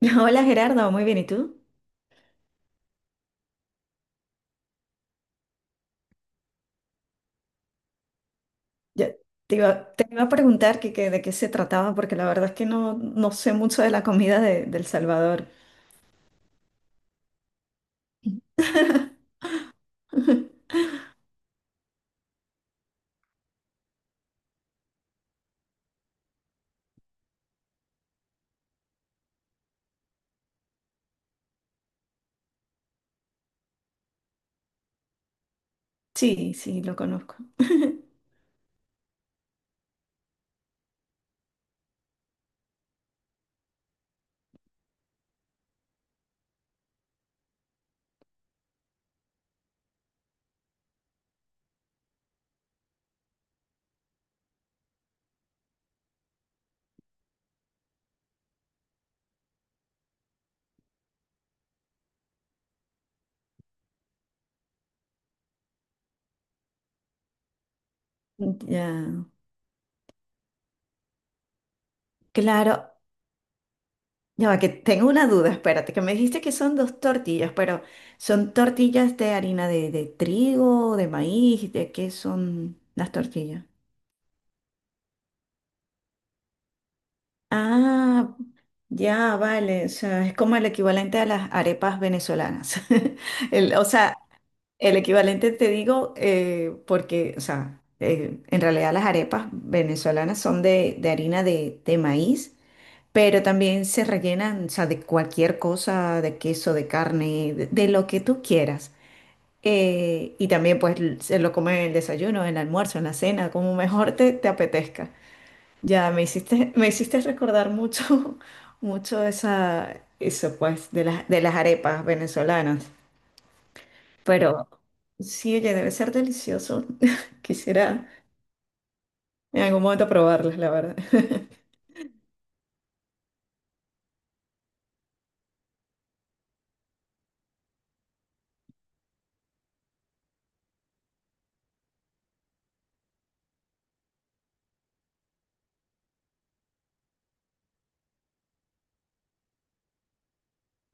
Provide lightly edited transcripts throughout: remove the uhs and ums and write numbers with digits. Hola Gerardo, muy bien, ¿y tú? Yo te iba a preguntar de qué se trataba, porque la verdad es que no sé mucho de la comida de El Salvador. Sí, sí, lo conozco. Ya, claro. Ya va, que tengo una duda, espérate, que me dijiste que son dos tortillas, pero ¿son tortillas de harina de trigo, de maíz? ¿De qué son las tortillas? Ah, ya, vale, o sea, es como el equivalente a las arepas venezolanas. O sea, el equivalente te digo, porque, o sea, en realidad las arepas venezolanas son de harina de maíz, pero también se rellenan, o sea, de cualquier cosa, de queso, de carne, de lo que tú quieras. Y también pues se lo comen en el desayuno, en el almuerzo, en la cena, como mejor te apetezca. Ya me hiciste, me hiciste recordar mucho, mucho esa, eso pues, de las arepas venezolanas. Pero. Sí, oye, debe ser delicioso. Quisiera en algún momento probarlas, la verdad.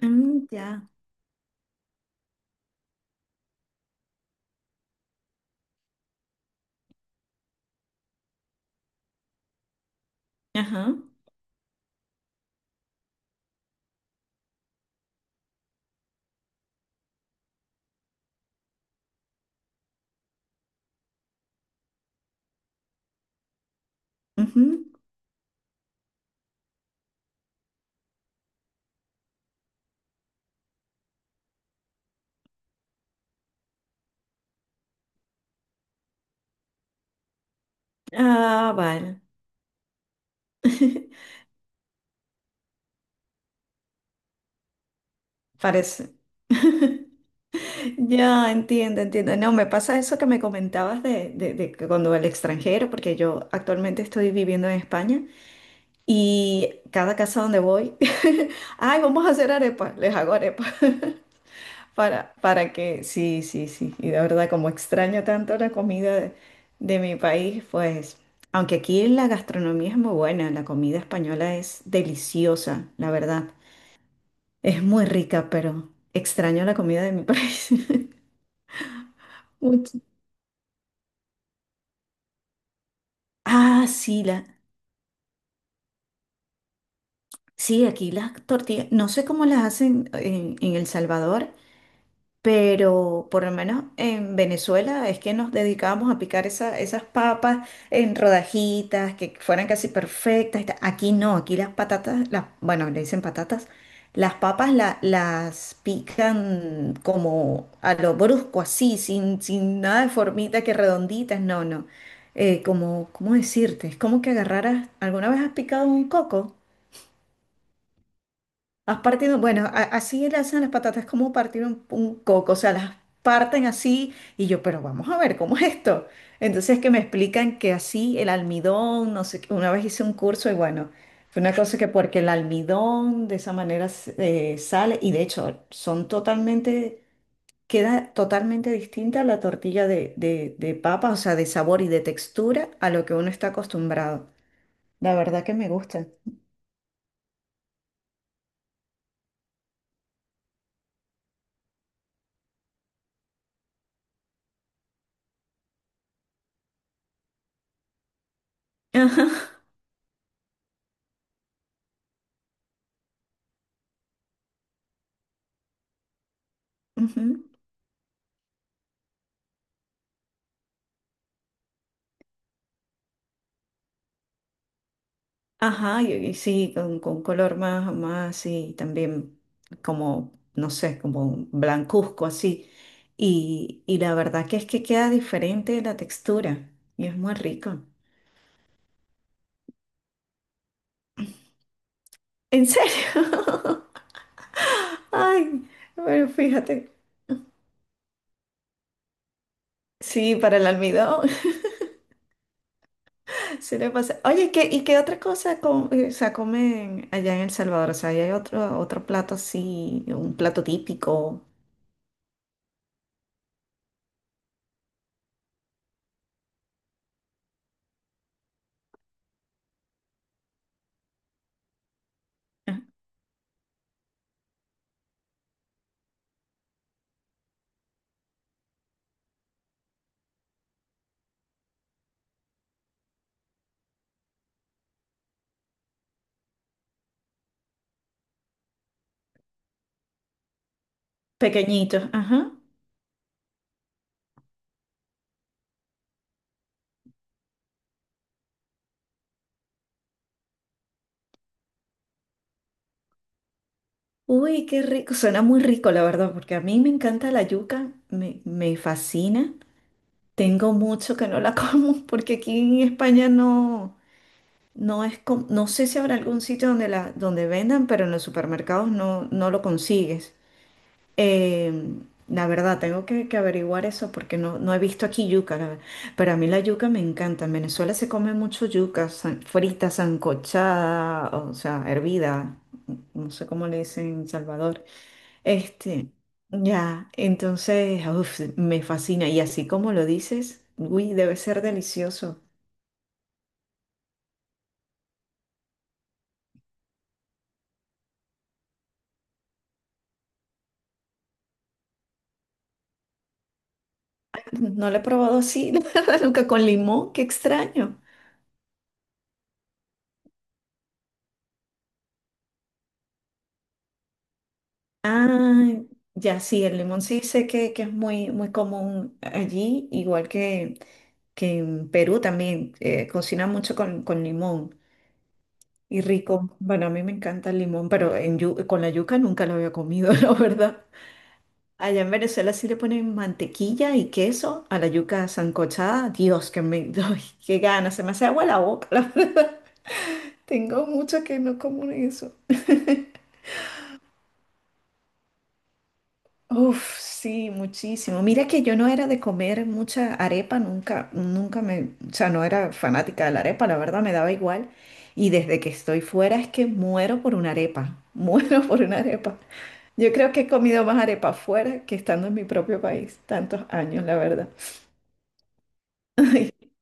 Mm, ya. Ajá. Ujú. Ah, vale. Parece. Ya entiendo, entiendo. No, me pasa eso que me comentabas de que cuando el extranjero, porque yo actualmente estoy viviendo en España y cada casa donde voy, ay, vamos a hacer arepas, les hago arepas. Para que, sí, sí, sí. Y de verdad, como extraño tanto la comida de mi país, pues, aunque aquí la gastronomía es muy buena, la comida española es deliciosa, la verdad. Es muy rica, pero extraño la comida de mi país. Mucho. Ah, sí, la, sí, aquí las tortillas, no sé cómo las hacen en El Salvador. Pero por lo menos en Venezuela es que nos dedicábamos a picar esas papas en rodajitas que fueran casi perfectas. Y tal. Aquí no, aquí las patatas, las, bueno, le dicen patatas, las papas las pican como a lo brusco, así, sin nada de formita que redonditas, no, no. ¿Cómo decirte? Es como que agarraras, ¿alguna vez has picado un coco? Has partido, bueno, así le hacen las patatas, es como partir un coco, o sea, las parten así y yo, pero vamos a ver, ¿cómo es esto? Entonces que me explican que así el almidón, no sé, qué, una vez hice un curso y bueno, fue una cosa que porque el almidón de esa manera sale y de hecho son totalmente, queda totalmente distinta la tortilla de papa, o sea, de sabor y de textura a lo que uno está acostumbrado. La verdad que me gusta. Ajá. Ujú. Ajá, y, sí, con color más, más así, también como, no sé, como blancuzco así. Y la verdad que es que queda diferente la textura y es muy rico. ¿En serio? Ay, bueno, fíjate. Sí, para el almidón. Se le pasa. Oye, ¿qué, y qué otra cosa o sea, comen allá en El Salvador? O sea, ¿y hay otro plato así, un plato típico? Ah, pequeñito. Ajá. Uy, qué rico, suena muy rico la verdad, porque a mí me encanta la yuca, me fascina. Tengo mucho que no la como, porque aquí en España no es, no sé si habrá algún sitio donde la, donde vendan, pero en los supermercados no lo consigues. Eh, la verdad, tengo que averiguar eso porque no he visto aquí yuca, la verdad. Pero a mí la yuca me encanta. En Venezuela se come mucho yuca, frita, sancochada, o sea, hervida, no sé cómo le dicen en Salvador. Este, ya, entonces, uf, me fascina. Y así como lo dices, uy, debe ser delicioso. No lo he probado así, la verdad, nunca con limón, qué extraño. Ah, ya, sí, el limón sí sé que es muy, muy común allí, igual que en Perú también, cocinan mucho con limón. Y rico. Bueno, a mí me encanta el limón, pero en con la yuca nunca lo había comido, la verdad. Allá en Venezuela sí le ponen mantequilla y queso a la yuca sancochada. Dios, que me, ay, qué gana, se me hace agua la boca, la verdad. Tengo mucho que no como eso. Uf, sí, muchísimo. Mira que yo no era de comer mucha arepa, nunca, nunca me, o sea, no era fanática de la arepa, la verdad me daba igual. Y desde que estoy fuera es que muero por una arepa, muero por una arepa. Yo creo que he comido más arepa fuera que estando en mi propio país, tantos años, la verdad.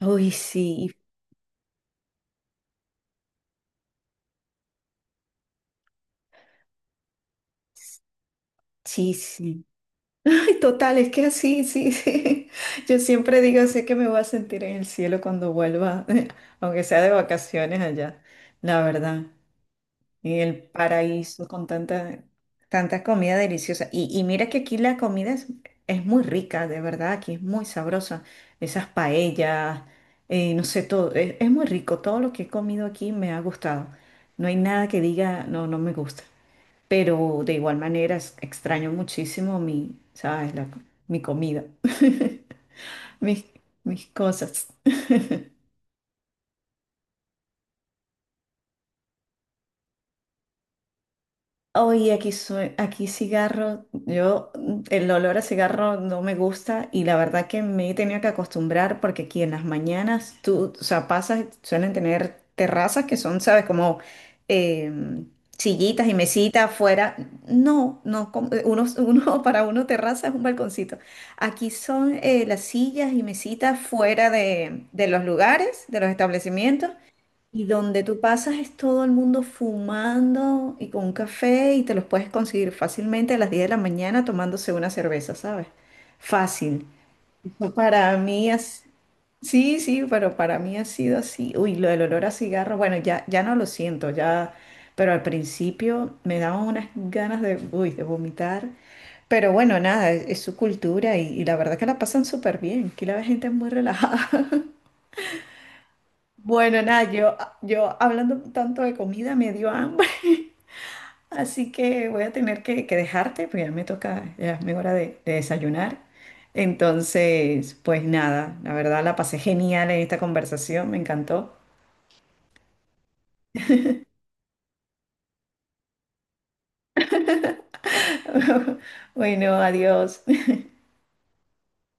Uy, sí. Sí, sí. Ay, total, es que así, sí, sí. Yo siempre digo, sé que me voy a sentir en el cielo cuando vuelva, aunque sea de vacaciones allá, la verdad. Y el paraíso con tanta, tanta comida deliciosa. Y mira que aquí la comida es muy rica, de verdad, aquí es muy sabrosa. Esas paellas, no sé, todo, es muy rico. Todo lo que he comido aquí me ha gustado. No hay nada que diga, no, me gusta, pero de igual manera extraño muchísimo mi, ¿sabes? Mi comida, mis, mis cosas. Oye, aquí soy, aquí cigarro, yo el olor a cigarro no me gusta y la verdad que me he tenido que acostumbrar porque aquí en las mañanas tú, o sea, pasas, suelen tener terrazas que son, sabes, como eh, sillitas y mesitas afuera. No, no, uno, uno para uno terraza es un balconcito. Aquí son las sillas y mesitas fuera de los lugares, de los establecimientos. Y donde tú pasas es todo el mundo fumando y con un café y te los puedes conseguir fácilmente a las 10 de la mañana tomándose una cerveza, ¿sabes? Fácil. Pues para mí es... Sí, sí, pero para mí ha sido así. Uy, lo del olor a cigarro, bueno, ya, ya no lo siento, ya, pero al principio me daban unas ganas de, uy, de vomitar. Pero bueno, nada, es su cultura y la verdad que la pasan súper bien. Aquí la gente es muy relajada. Bueno, nada, yo hablando tanto de comida me dio hambre. Así que voy a tener que dejarte, pues ya me toca, ya es mi hora de desayunar. Entonces, pues nada, la verdad la pasé genial en esta conversación, me encantó. Bueno, adiós.